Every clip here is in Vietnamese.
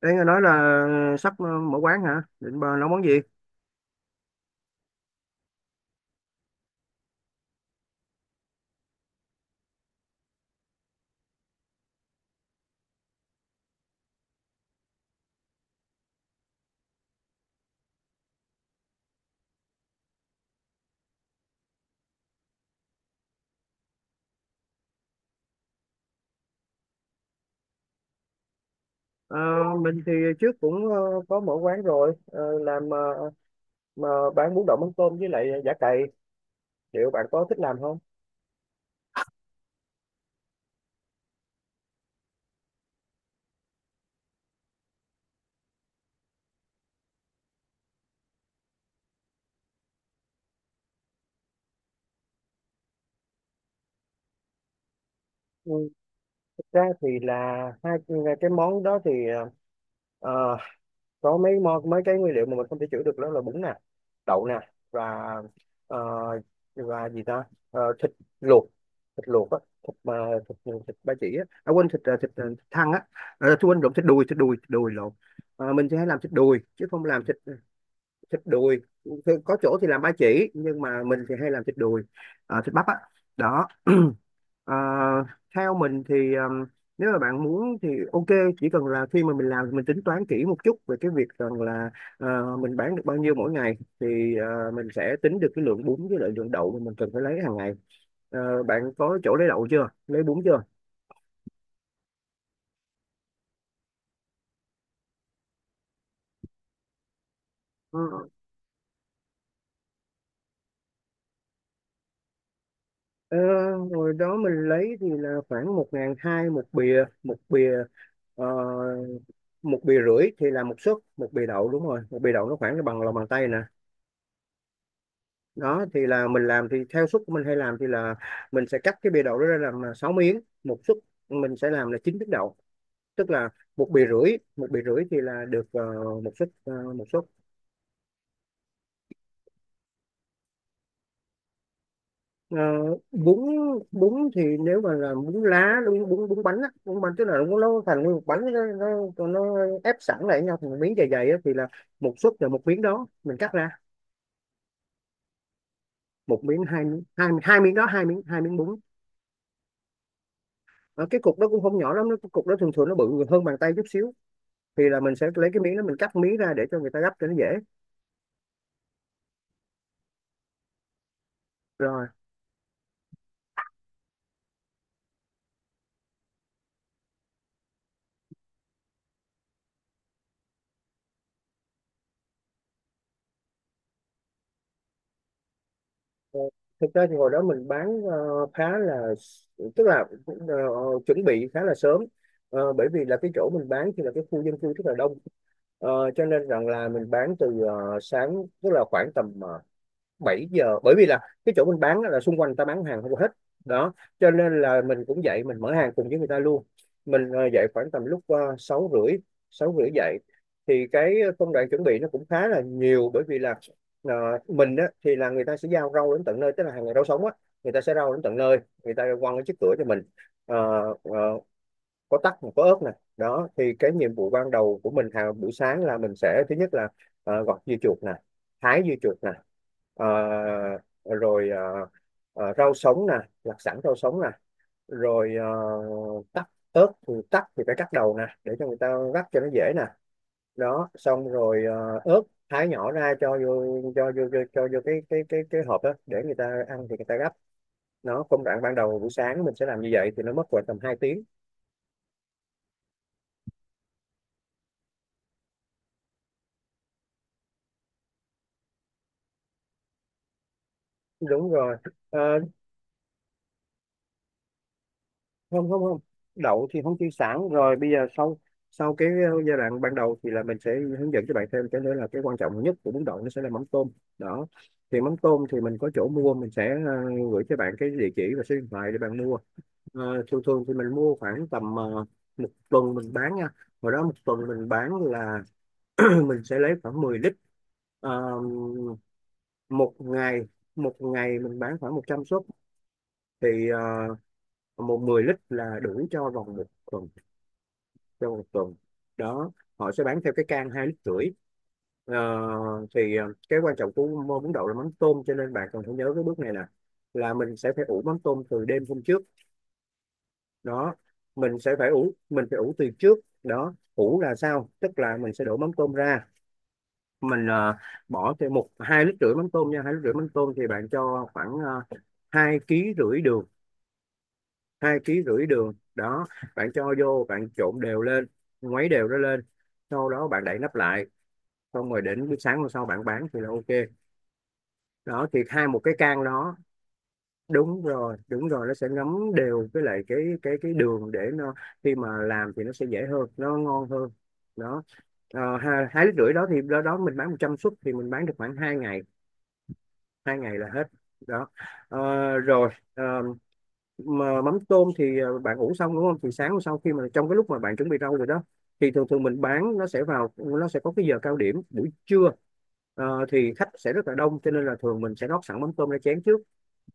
Đấy, nghe nói là sắp mở quán hả? Định bà nấu món gì? Ờ, mình thì trước cũng có mở quán rồi, làm mà bán bún đậu mắm tôm với lại giả cày. Liệu bạn có thích làm không? Ừ, thực ra thì là hai cái món đó thì ờ, có mấy mấy cái nguyên liệu mà mình không thể chữa được, đó là bún nè, đậu nè, và ờ, và gì ta. Thịt luộc, á thịt mà thịt, thịt ba chỉ á, à quên thịt thịt thăn á, à, tôi quên lộn thịt đùi, lộn. Mình sẽ làm thịt đùi chứ không làm thịt thịt đùi. Thì có chỗ thì làm ba chỉ nhưng mà mình thì hay làm thịt đùi, thịt bắp á, đó. Ờ, theo mình thì nếu mà bạn muốn thì ok, chỉ cần là khi mà mình làm thì mình tính toán kỹ một chút về cái việc rằng là mình bán được bao nhiêu mỗi ngày thì mình sẽ tính được cái lượng bún với lại lượng đậu mà mình cần phải lấy hàng ngày. Bạn có chỗ lấy đậu chưa, lấy bún chưa? Ờ, ờ, hồi đó mình lấy thì là khoảng một ngàn hai một bìa, ờ, một bìa rưỡi thì là một suất, một bìa đậu, đúng rồi, một bìa đậu nó khoảng bằng lòng bàn tay nè. Đó thì là mình làm thì theo suất của mình, hay làm thì là mình sẽ cắt cái bìa đậu đó ra làm 6 miếng một suất, mình sẽ làm là 9 miếng đậu, tức là một bìa rưỡi, thì là được một suất, một suất. Ờ, bún, thì nếu mà là bún lá bún, bún bún bánh á, bún bánh tức là nó thành nguyên một bánh, nó ép sẵn lại với nhau thành một miếng dày dày á, thì là một suất là một miếng đó mình cắt ra, một miếng, hai miếng đó, hai miếng bún. Ờ, cái cục đó cũng không nhỏ lắm, cái cục đó thường thường nó bự hơn bàn tay chút xíu, thì là mình sẽ lấy cái miếng đó mình cắt miếng ra để cho người ta gấp cho nó dễ. Rồi ờ, thực ra thì hồi đó mình bán khá là, tức là ờ, chuẩn bị khá là sớm. Bởi vì là cái chỗ mình bán thì là cái khu dân cư rất là đông. Ờ, cho nên rằng là mình bán từ sáng, tức là khoảng tầm 7 giờ, bởi vì là cái chỗ mình bán là xung quanh người ta bán hàng không hết, đó cho nên là mình cũng dậy mình mở hàng cùng với người ta luôn. Mình dậy khoảng tầm lúc sáu rưỡi, dậy, thì cái công đoạn chuẩn bị nó cũng khá là nhiều, bởi vì là ờ, mình á, thì là người ta sẽ giao rau đến tận nơi, tức là hàng ngày rau sống á, người ta sẽ rau đến tận nơi, người ta quăng cái chiếc cửa cho mình. Ờ, ờ, có tắc mà có ớt nè. Đó thì cái nhiệm vụ ban đầu của mình hàng buổi sáng là mình sẽ thứ nhất là gọt dưa chuột nè, thái dưa chuột nè, ờ, rồi ờ, rau sống nè, lặt sẵn rau sống nè, rồi tắc ớt, thì tắc thì phải cắt đầu nè để cho người ta rắc cho nó dễ nè. Đó xong rồi ớt thái nhỏ ra cho vô, cho vô cái hộp đó để người ta ăn thì người ta gắp. Nó công đoạn ban đầu buổi sáng mình sẽ làm như vậy thì nó mất khoảng tầm 2 tiếng. Đúng rồi. Ờ, không, không, không, đậu thì không chiên sẵn rồi, bây giờ sau, sau cái giai đoạn ban đầu thì là mình sẽ hướng dẫn cho bạn thêm cái nữa, là cái quan trọng nhất của bún đậu nó sẽ là mắm tôm. Đó thì mắm tôm thì mình có chỗ mua, mình sẽ gửi cho bạn cái địa chỉ và số điện thoại để bạn mua. Thường thường thì mình mua khoảng tầm một tuần mình bán nha, hồi đó một tuần mình bán là mình sẽ lấy khoảng 10 lít. Ờ, một ngày, mình bán khoảng 100 suất, thì một 10 lít là đủ cho vòng một tuần, trong một tuần đó. Họ sẽ bán theo cái can 2,5 lít. Ờ, cái quan trọng của món bún đậu là mắm tôm, cho nên bạn cần phải nhớ cái bước này nè, là mình sẽ phải ủ mắm tôm từ đêm hôm trước. Đó, mình sẽ phải ủ, từ trước đó. Ủ là sao? Tức là mình sẽ đổ mắm tôm ra, mình bỏ thêm một 2,5 lít mắm tôm nha, 2,5 lít mắm tôm thì bạn cho khoảng 2,5 ký đường, đó, bạn cho vô bạn trộn đều lên, ngoáy đều nó lên, sau đó bạn đậy nắp lại, xong rồi đến buổi sáng hôm sau bạn bán thì là ok. Đó thì hai một cái can đó. Đúng rồi, đúng rồi, nó sẽ ngấm đều với lại cái đường, để nó khi mà làm thì nó sẽ dễ hơn, nó ngon hơn. Đó. Hai lít rưỡi đó thì đó, đó mình bán 100 suất thì mình bán được khoảng 2 ngày, hai ngày là hết. Đó. Ờ, rồi ờ, mà mắm tôm thì bạn ủ xong đúng không, thì sáng hôm sau khi mà trong cái lúc mà bạn chuẩn bị rau rồi đó, thì thường thường mình bán nó sẽ vào, nó sẽ có cái giờ cao điểm buổi trưa. Thì khách sẽ rất là đông, cho nên là thường mình sẽ rót sẵn mắm tôm ra chén trước,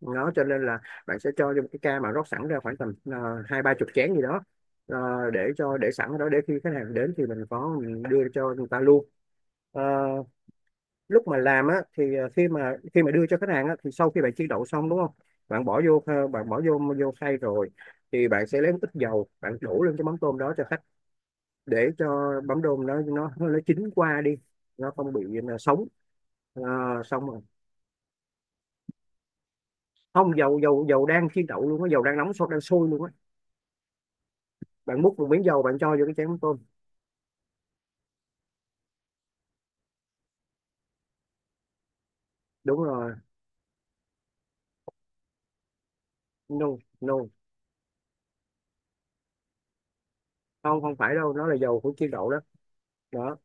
đó cho nên là bạn sẽ cho một cái ca mà rót sẵn ra khoảng tầm hai ba chục chén gì đó. Để cho, để sẵn ở đó, để khi khách hàng đến thì mình có mình đưa cho người ta luôn. Ờ, lúc mà làm á thì khi mà, đưa cho khách hàng á, thì sau khi bạn chiên đậu xong đúng không, bạn bỏ vô vô khay rồi, thì bạn sẽ lấy một ít dầu bạn đổ lên cái mắm tôm đó cho khách, để cho mắm tôm nó chín qua đi, nó không bị nó sống. Ờ, xong rồi, không, dầu dầu dầu đang chiên đậu luôn á, dầu đang nóng sôi, đang sôi luôn á, bạn múc một miếng dầu bạn cho vô cái chén mắm tôm. Đúng rồi, no, no, không, không phải đâu, nó là dầu của chiên đậu đó. Đó,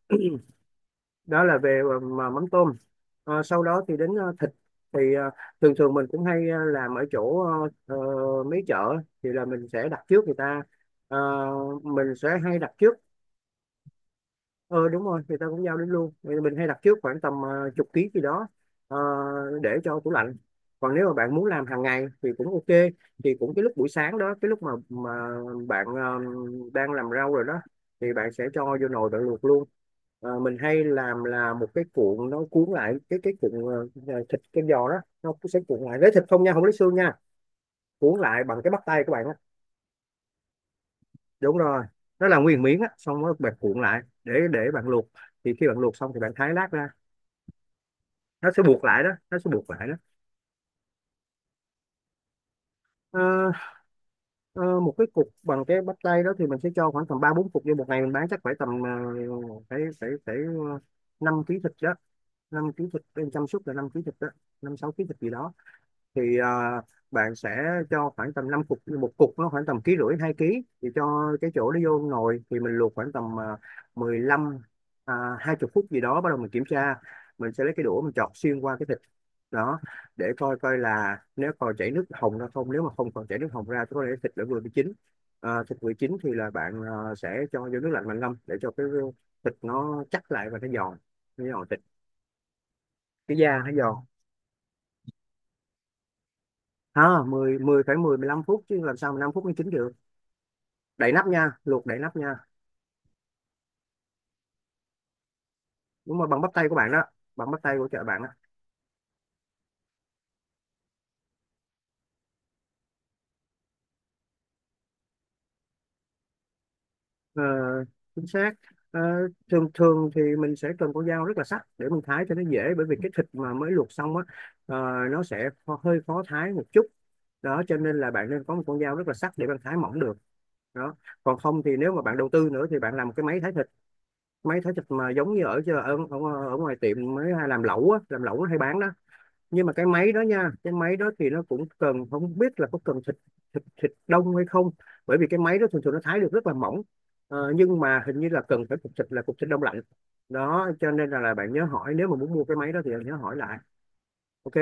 đó là về mà mắm tôm. Sau đó thì đến thịt, thì thường thường mình cũng hay làm ở chỗ mấy chợ, thì là mình sẽ đặt trước người ta. Ờ, mình sẽ hay đặt trước. Ờ đúng rồi, người ta cũng giao đến luôn. Vậy mình hay đặt trước khoảng tầm chục ký gì đó, ờ, để cho tủ lạnh. Còn nếu mà bạn muốn làm hàng ngày thì cũng ok, thì cũng cái lúc buổi sáng đó, cái lúc mà bạn đang làm rau rồi đó, thì bạn sẽ cho vô nồi bạn luộc luôn. Mình hay làm là một cái cuộn, nó cuốn lại cái, thịt cái giò đó, nó cũng sẽ cuộn lại, lấy thịt không nha, không lấy xương nha, cuốn lại bằng cái bắp tay của bạn á. Đúng rồi, nó là nguyên miếng á, xong rồi bạn cuộn lại để bạn luộc, thì khi bạn luộc xong thì bạn thái lát ra. Nó sẽ buộc lại đó, nó sẽ buộc lại đó. Ờ, ờ, một cái cục bằng cái bắp tay đó thì mình sẽ cho khoảng tầm ba bốn cục vô, một ngày mình bán chắc phải tầm phải phải phải ờ, 5 ký thịt đó, 5 ký thịt em chăm sóc là 5 ký thịt đó, năm sáu ký thịt gì đó. Thì à, bạn sẽ cho khoảng tầm 5 cục, một cục nó khoảng tầm ký rưỡi hai ký, thì cho cái chỗ nó vô nồi thì mình luộc khoảng tầm 15, à, 20 phút gì đó, bắt đầu mình kiểm tra, mình sẽ lấy cái đũa mình chọt xuyên qua cái thịt đó, để coi coi là Nếu còn chảy nước hồng ra không, nếu mà không còn chảy nước hồng ra thì có thể thịt đã vừa bị chín. Thịt vừa chín thì là bạn sẽ cho vô nước lạnh, bạn ngâm để cho cái thịt nó chắc lại và nó giòn, nó giòn thịt, cái da nó giòn. Ha, mười, mười phải, mười 15 phút chứ làm sao mà 5 phút mới chín được. Đậy nắp nha, luộc đậy nắp nha. Đúng rồi, bằng bắp tay của bạn đó, bằng bắp tay của chợ bạn đó. Ờ, chính xác. Ờ, thường thường thì mình sẽ cần con dao rất là sắc để mình thái cho nó dễ, bởi vì cái thịt mà mới luộc xong á, ờ, nó sẽ hơi khó thái một chút. Đó cho nên là bạn nên có một con dao rất là sắc để bạn thái mỏng được đó. Còn không thì nếu mà bạn đầu tư nữa thì bạn làm một cái máy thái thịt, máy thái thịt mà giống như ở ngoài tiệm mới hay làm lẩu á, làm lẩu nó hay bán đó. Nhưng mà cái máy đó nha, cái máy đó thì nó cũng cần, không biết là có cần thịt thịt thịt đông hay không, bởi vì cái máy đó thường thường nó thái được rất là mỏng. Nhưng mà hình như là cần phải cục thịt là cục thịt đông lạnh. Đó cho nên là bạn nhớ hỏi, nếu mà muốn mua cái máy đó thì bạn nhớ hỏi lại. OK.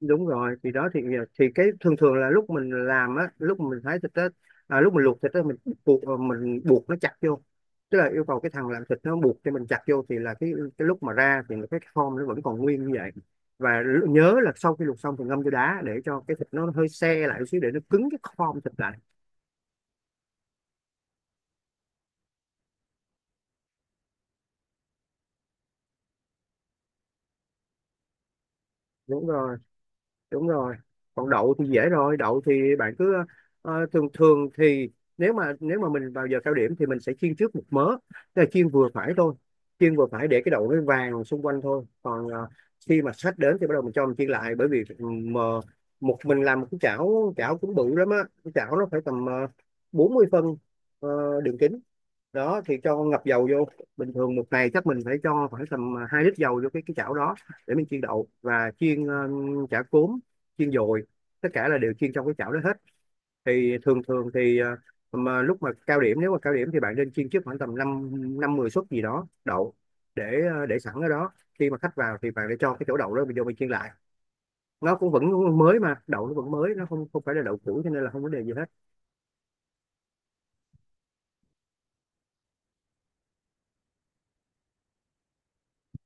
Đúng rồi thì đó, thì cái thường thường là lúc mình làm á, lúc mình thái thịt á, lúc mình luộc thịt á mình buộc, mình buộc nó chặt vô, tức là yêu cầu cái thằng làm thịt nó buộc cho mình chặt vô thì là cái lúc mà ra thì cái form nó vẫn còn nguyên như vậy. Và nhớ là sau khi luộc xong thì ngâm vô đá để cho cái thịt nó hơi se lại một xíu, để nó cứng cái form thịt lại. Đúng rồi, đúng rồi. Còn đậu thì dễ rồi, đậu thì bạn cứ, thường thường thì nếu mà mình vào giờ cao điểm thì mình sẽ chiên trước một mớ, tức là chiên vừa phải thôi, chiên vừa phải để cái đậu nó vàng xung quanh thôi, còn khi mà khách đến thì bắt đầu mình cho mình chiên lại, bởi vì mà một mình làm một cái chảo, chảo cũng bự lắm á. Cái chảo nó phải tầm 40 phân, đường kính. Đó thì cho ngập dầu vô. Bình thường một ngày chắc mình phải cho khoảng tầm, 2 lít dầu vô cái chảo đó, để mình chiên đậu và chiên chả cốm, chiên dồi, tất cả là đều chiên trong cái chảo đó hết. Thì thường thường thì, mà lúc mà cao điểm, nếu mà cao điểm thì bạn nên chiên trước khoảng tầm năm, năm mười suất gì đó đậu, để để sẵn ở đó. Khi mà khách vào thì bạn để cho cái chỗ đậu đó mình vô mình chiên lại, nó cũng vẫn mới, mà đậu nó vẫn mới, nó không không phải là đậu cũ cho nên là không vấn đề gì hết.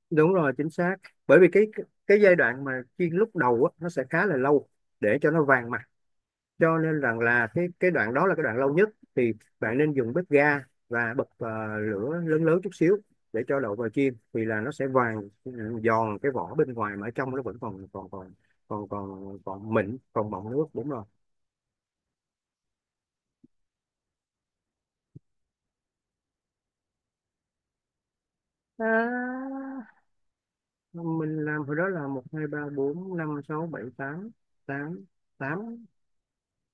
Đúng rồi, chính xác. Bởi vì cái giai đoạn mà chiên lúc đầu á, nó sẽ khá là lâu để cho nó vàng mặt, cho nên rằng là cái đoạn đó là cái đoạn lâu nhất. Thì bạn nên dùng bếp ga và bật lửa lớn lớn chút xíu, để cho đậu vào chiên thì là nó sẽ vàng, giòn cái vỏ bên ngoài, mà ở trong nó vẫn còn còn còn còn còn còn mịn, còn mọng nước, đúng rồi. à, mình làm hồi đó là một, hai, ba, bốn, năm, sáu, bảy, tám, tám, tám,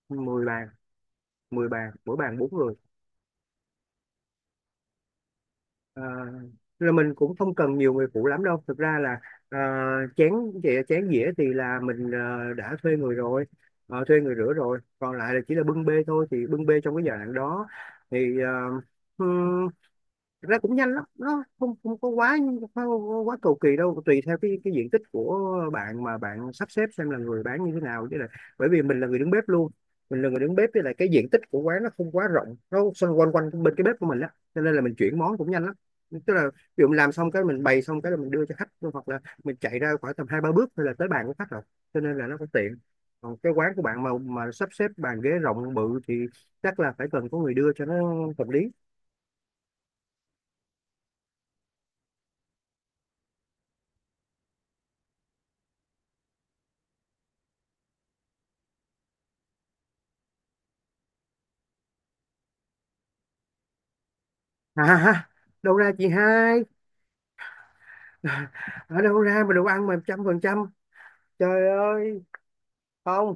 10 bàn. 10 bàn, mỗi bàn bốn người. À, là mình cũng không cần nhiều người phụ lắm đâu, thực ra là, ờ, chén, chén dĩa thì là mình đã thuê người rồi. Thuê người rửa rồi, còn lại là chỉ là bưng bê thôi, thì bưng bê trong cái giai đoạn đó thì thực ra cũng nhanh lắm, nó không không có quá, không quá cầu kỳ đâu, tùy theo cái diện tích của bạn mà bạn sắp xếp xem là người bán như thế nào chứ, là bởi vì mình là người đứng bếp luôn. Mình là người đứng bếp, với lại cái diện tích của quán nó không quá rộng, nó xung quanh quanh bên cái bếp của mình á, cho nên là mình chuyển món cũng nhanh lắm. Tức là ví dụ mình làm xong cái, mình bày xong cái là mình đưa cho khách thôi, hoặc là mình chạy ra khoảng tầm hai ba bước thôi là tới bàn của khách rồi, cho nên là nó cũng tiện. Còn cái quán của bạn mà sắp xếp bàn ghế rộng bự thì chắc là phải cần có người đưa cho nó hợp lý. À, ha, Đâu ra chị hai? Ở đâu ra mà đồ ăn mà trăm phần trăm, trời ơi. Không,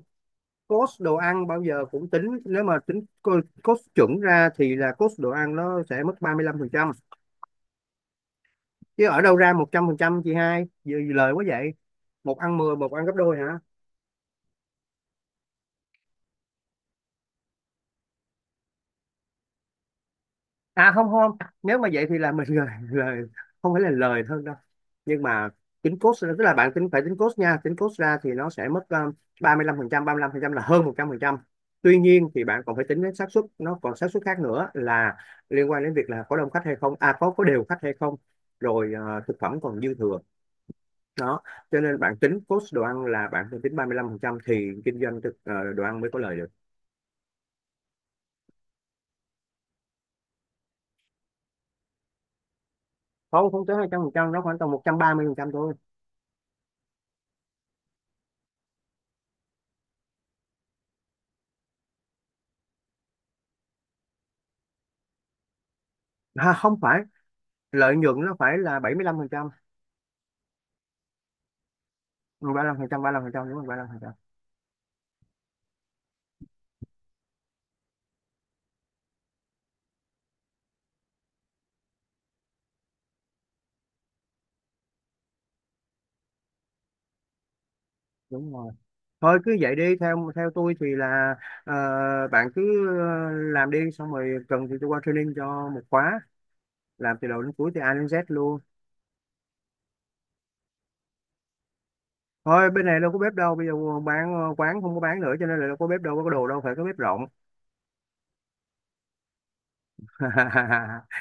cost đồ ăn bao giờ cũng tính, nếu mà tính cost chuẩn ra thì là cost đồ ăn nó sẽ mất 35%, chứ ở đâu ra 100% chị hai, giờ lời quá vậy. Một ăn mười, một ăn gấp đôi. Không không, nếu mà vậy thì là mình lời lời, không phải là lời hơn đâu. Nhưng mà tính cost tức là bạn tính, phải tính cost nha, tính cost ra thì nó sẽ mất, 35%, 35% là hơn 100%. Tuy nhiên thì bạn còn phải tính đến xác suất, nó còn xác suất khác nữa là liên quan đến việc là có đông khách hay không, có đều khách hay không, rồi thực phẩm còn dư thừa đó. Cho nên bạn tính cost đồ ăn là bạn phải tính 35% thì kinh doanh thực, đồ ăn mới có lời được. Không, không tới 200%, nó khoảng tầm 130% thôi. Không phải, lợi nhuận nó phải là bảy mươi mươi mươi lăm lăm phần phần trăm trăm ba ba lăm phần trăm, đúng rồi 35%. Đúng rồi, thôi cứ vậy đi, theo theo tôi thì là ờ, bạn cứ làm đi, xong rồi cần thì tôi qua training cho một khóa, làm từ đầu đến cuối, từ A đến Z luôn. Thôi bên này đâu có bếp đâu, bây giờ bán, quán không có bán nữa cho nên là đâu có bếp, đâu có đồ, đâu phải có bếp rộng.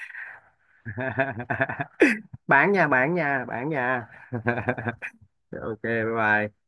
Bạn nhà, bạn nhà. OK, bye bye.